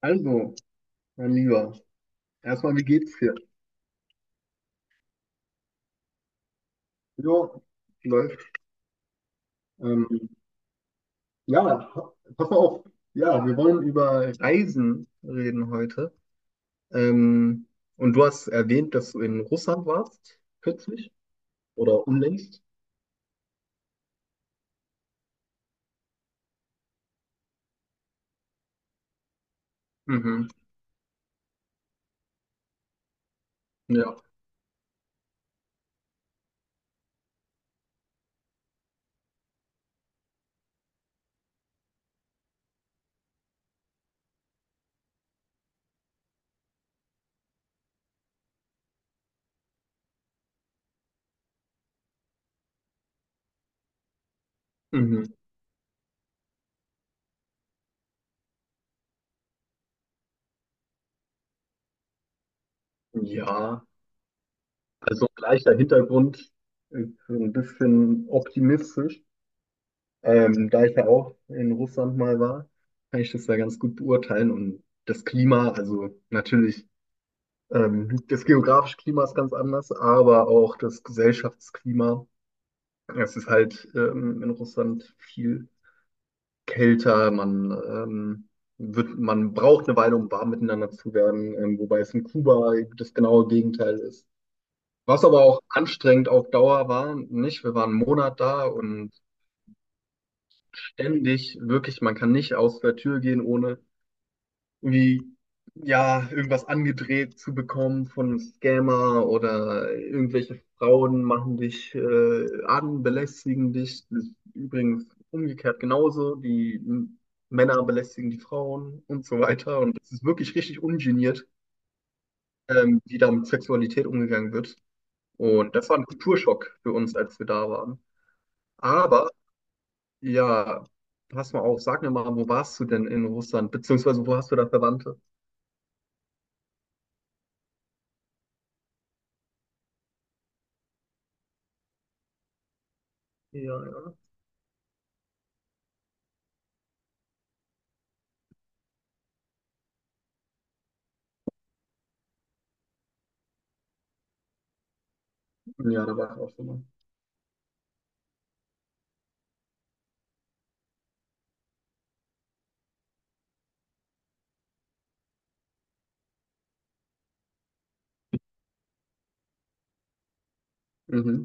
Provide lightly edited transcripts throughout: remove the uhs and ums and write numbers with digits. Also, mein Lieber, erstmal, wie geht's dir? Jo, läuft. Ähm, ja, pass mal auf. Ja, wir wollen über Reisen reden heute. Ähm, und du hast erwähnt, dass du in Russland warst, kürzlich oder unlängst. Mhm, ja. Mhm. Ja, also gleicher Hintergrund, ein bisschen optimistisch. Da ich ja auch in Russland mal war, kann ich das ja ganz gut beurteilen. Und das Klima, also natürlich, das geografische Klima ist ganz anders, aber auch das Gesellschaftsklima. Es ist halt in Russland viel kälter. Man braucht eine Weile, um warm miteinander zu werden, wobei es in Kuba das genaue Gegenteil ist. Was aber auch anstrengend auf Dauer war, nicht? Wir waren einen Monat da und ständig, wirklich, man kann nicht aus der Tür gehen, ohne irgendwie, ja, irgendwas angedreht zu bekommen von einem Scammer oder irgendwelche Frauen machen dich an, belästigen dich. Das ist übrigens umgekehrt genauso. Die Männer belästigen die Frauen und so weiter. Und es ist wirklich richtig ungeniert, wie da mit Sexualität umgegangen wird. Und das war ein Kulturschock für uns, als wir da waren. Aber ja, pass mal auf, sag mir mal, wo warst du denn in Russland? Beziehungsweise wo hast du da Verwandte? Ja, ja. Ja, da war ich auch schon mal. Mhm.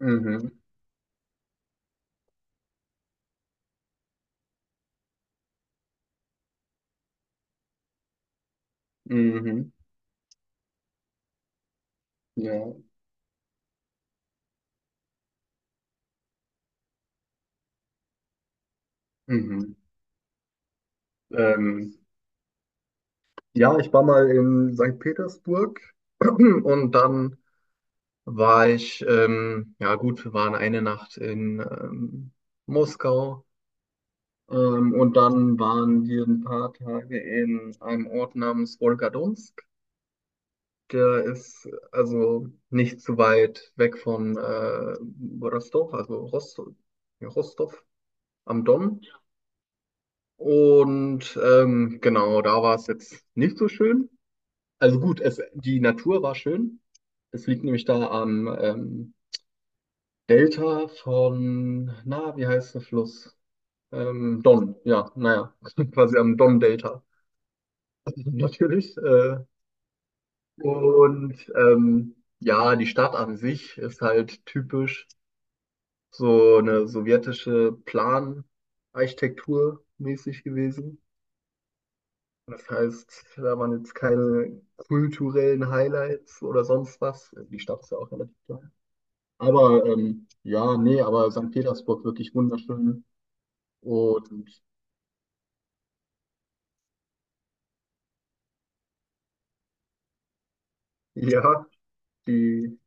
Mhm. Mhm. Ja. Mhm. Ähm, ja, ich war mal in St. Petersburg und dann war ich, ja gut, wir waren eine Nacht in Moskau und dann waren wir ein paar Tage in einem Ort namens Wolgadonsk. Der ist also nicht zu weit weg von Rostov, also Rostow, ja, Rostov am Don. Und genau, da war es jetzt nicht so schön. Also gut, es, die Natur war schön. Es liegt nämlich da am Delta von, na, wie heißt der Fluss? Don, ja, naja, quasi am Don-Delta natürlich. Und ja, die Stadt an sich ist halt typisch so eine sowjetische Planarchitektur mäßig gewesen. Das heißt, da waren jetzt keine kulturellen Highlights oder sonst was. Die Stadt ist ja auch relativ klein. Aber ja, nee, aber St. Petersburg wirklich wunderschön. Und ja, die,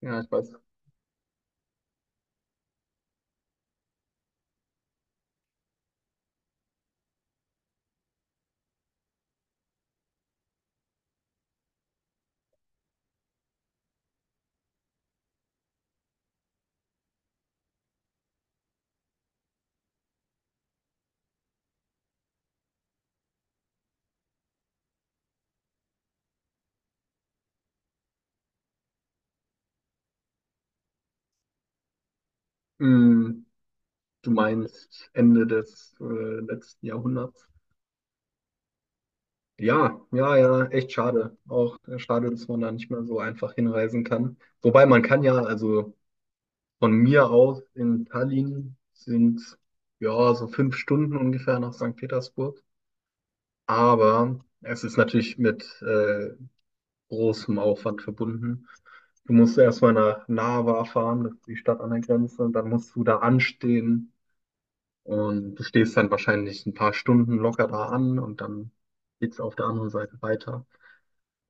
ja, ich weiß, mm, du meinst Ende des letzten Jahrhunderts. Ja, ja, ja, echt schade. Auch schade, dass man da nicht mehr so einfach hinreisen kann. Wobei man kann ja, also von mir aus in Tallinn sind ja so 5 Stunden ungefähr nach Sankt Petersburg. Aber es ist natürlich mit großem Aufwand verbunden. Du musst erstmal nach Narva fahren, das ist die Stadt an der Grenze, und dann musst du da anstehen. Und du stehst dann wahrscheinlich ein paar Stunden locker da an und dann geht's auf der anderen Seite weiter.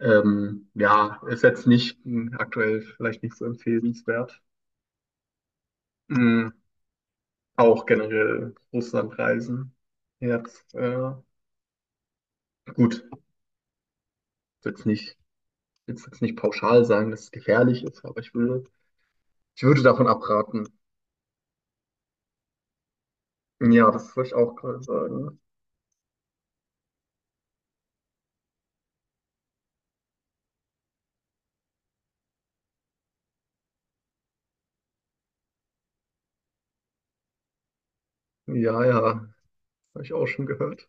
Ja, ist jetzt nicht aktuell vielleicht nicht so empfehlenswert. Mm, Auch generell Russlandreisen. Jetzt, gut, ich will jetzt nicht, ich will jetzt nicht pauschal sagen, dass es gefährlich ist, aber ich würde davon abraten. Ja, das wollte ich auch gerade sagen. Ja, ja, habe ich auch schon gehört.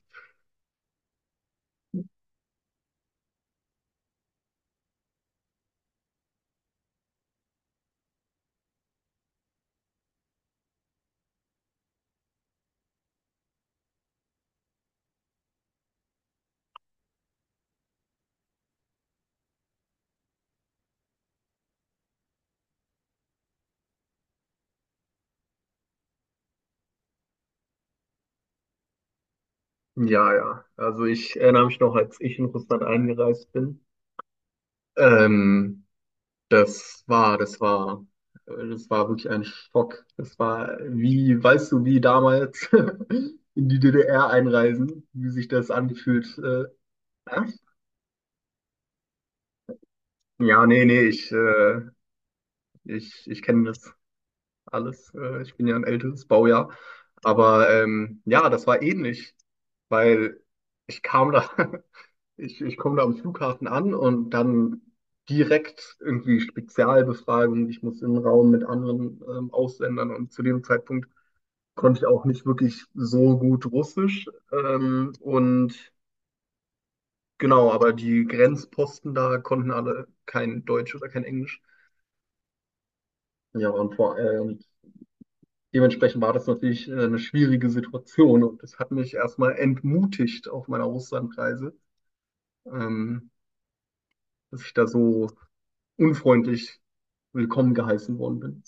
Ja, ja. Also ich erinnere mich noch, als ich in Russland eingereist bin. Ähm, das war, das war, das war wirklich ein Schock. Das war wie, weißt du, wie damals in die DDR einreisen, wie sich das angefühlt. Echt? Ja, nee, nee, ich kenne das alles. Ich bin ja ein älteres Baujahr. Aber ja, das war ähnlich, weil ich kam da, ich komme da am Flughafen an und dann direkt irgendwie Spezialbefragung. Ich muss in den Raum mit anderen Ausländern und zu dem Zeitpunkt konnte ich auch nicht wirklich so gut Russisch. Und genau, aber die Grenzposten da konnten alle kein Deutsch oder kein Englisch. Ja, und vor allem, dementsprechend war das natürlich eine schwierige Situation und das hat mich erstmal entmutigt auf meiner Russlandreise, ähm, dass ich da so unfreundlich willkommen geheißen worden bin.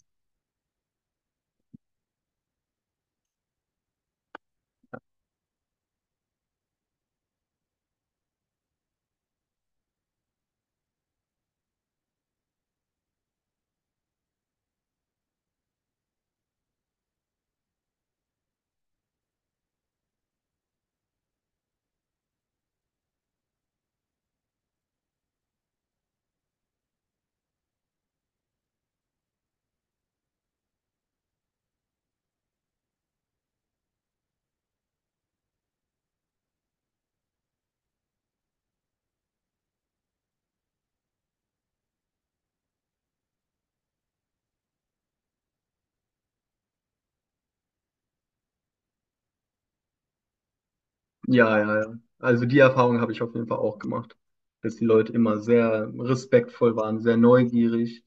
Ja, ja, ja. Also die Erfahrung habe ich auf jeden Fall auch gemacht, dass die Leute immer sehr respektvoll waren, sehr neugierig.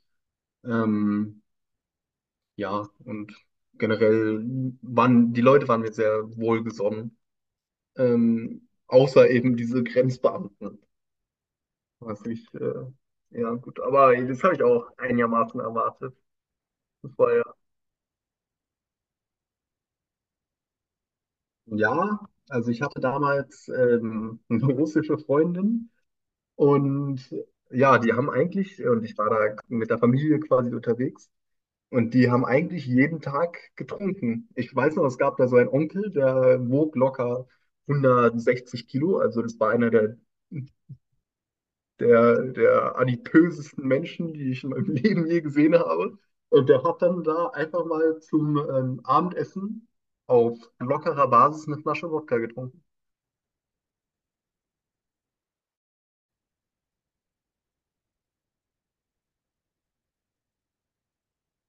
Ähm, ja, und generell waren die Leute waren mir sehr wohlgesonnen, außer eben diese Grenzbeamten. Was nicht, ja, gut. Aber das habe ich auch einigermaßen erwartet. Das war ja. Ja, also ich hatte damals eine russische Freundin und ja, die haben eigentlich, und ich war da mit der Familie quasi unterwegs, und die haben eigentlich jeden Tag getrunken. Ich weiß noch, es gab da so einen Onkel, der wog locker 160 Kilo, also das war einer der adipösesten Menschen, die ich in meinem Leben je gesehen habe. Und der hat dann da einfach mal zum Abendessen auf lockerer Basis eine Flasche Wodka getrunken.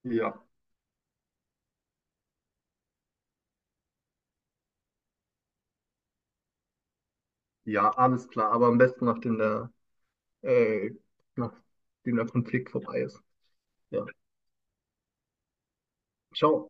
Ja, ja, alles klar, aber am besten nachdem äh, der Konflikt vorbei ist. Ja, ciao.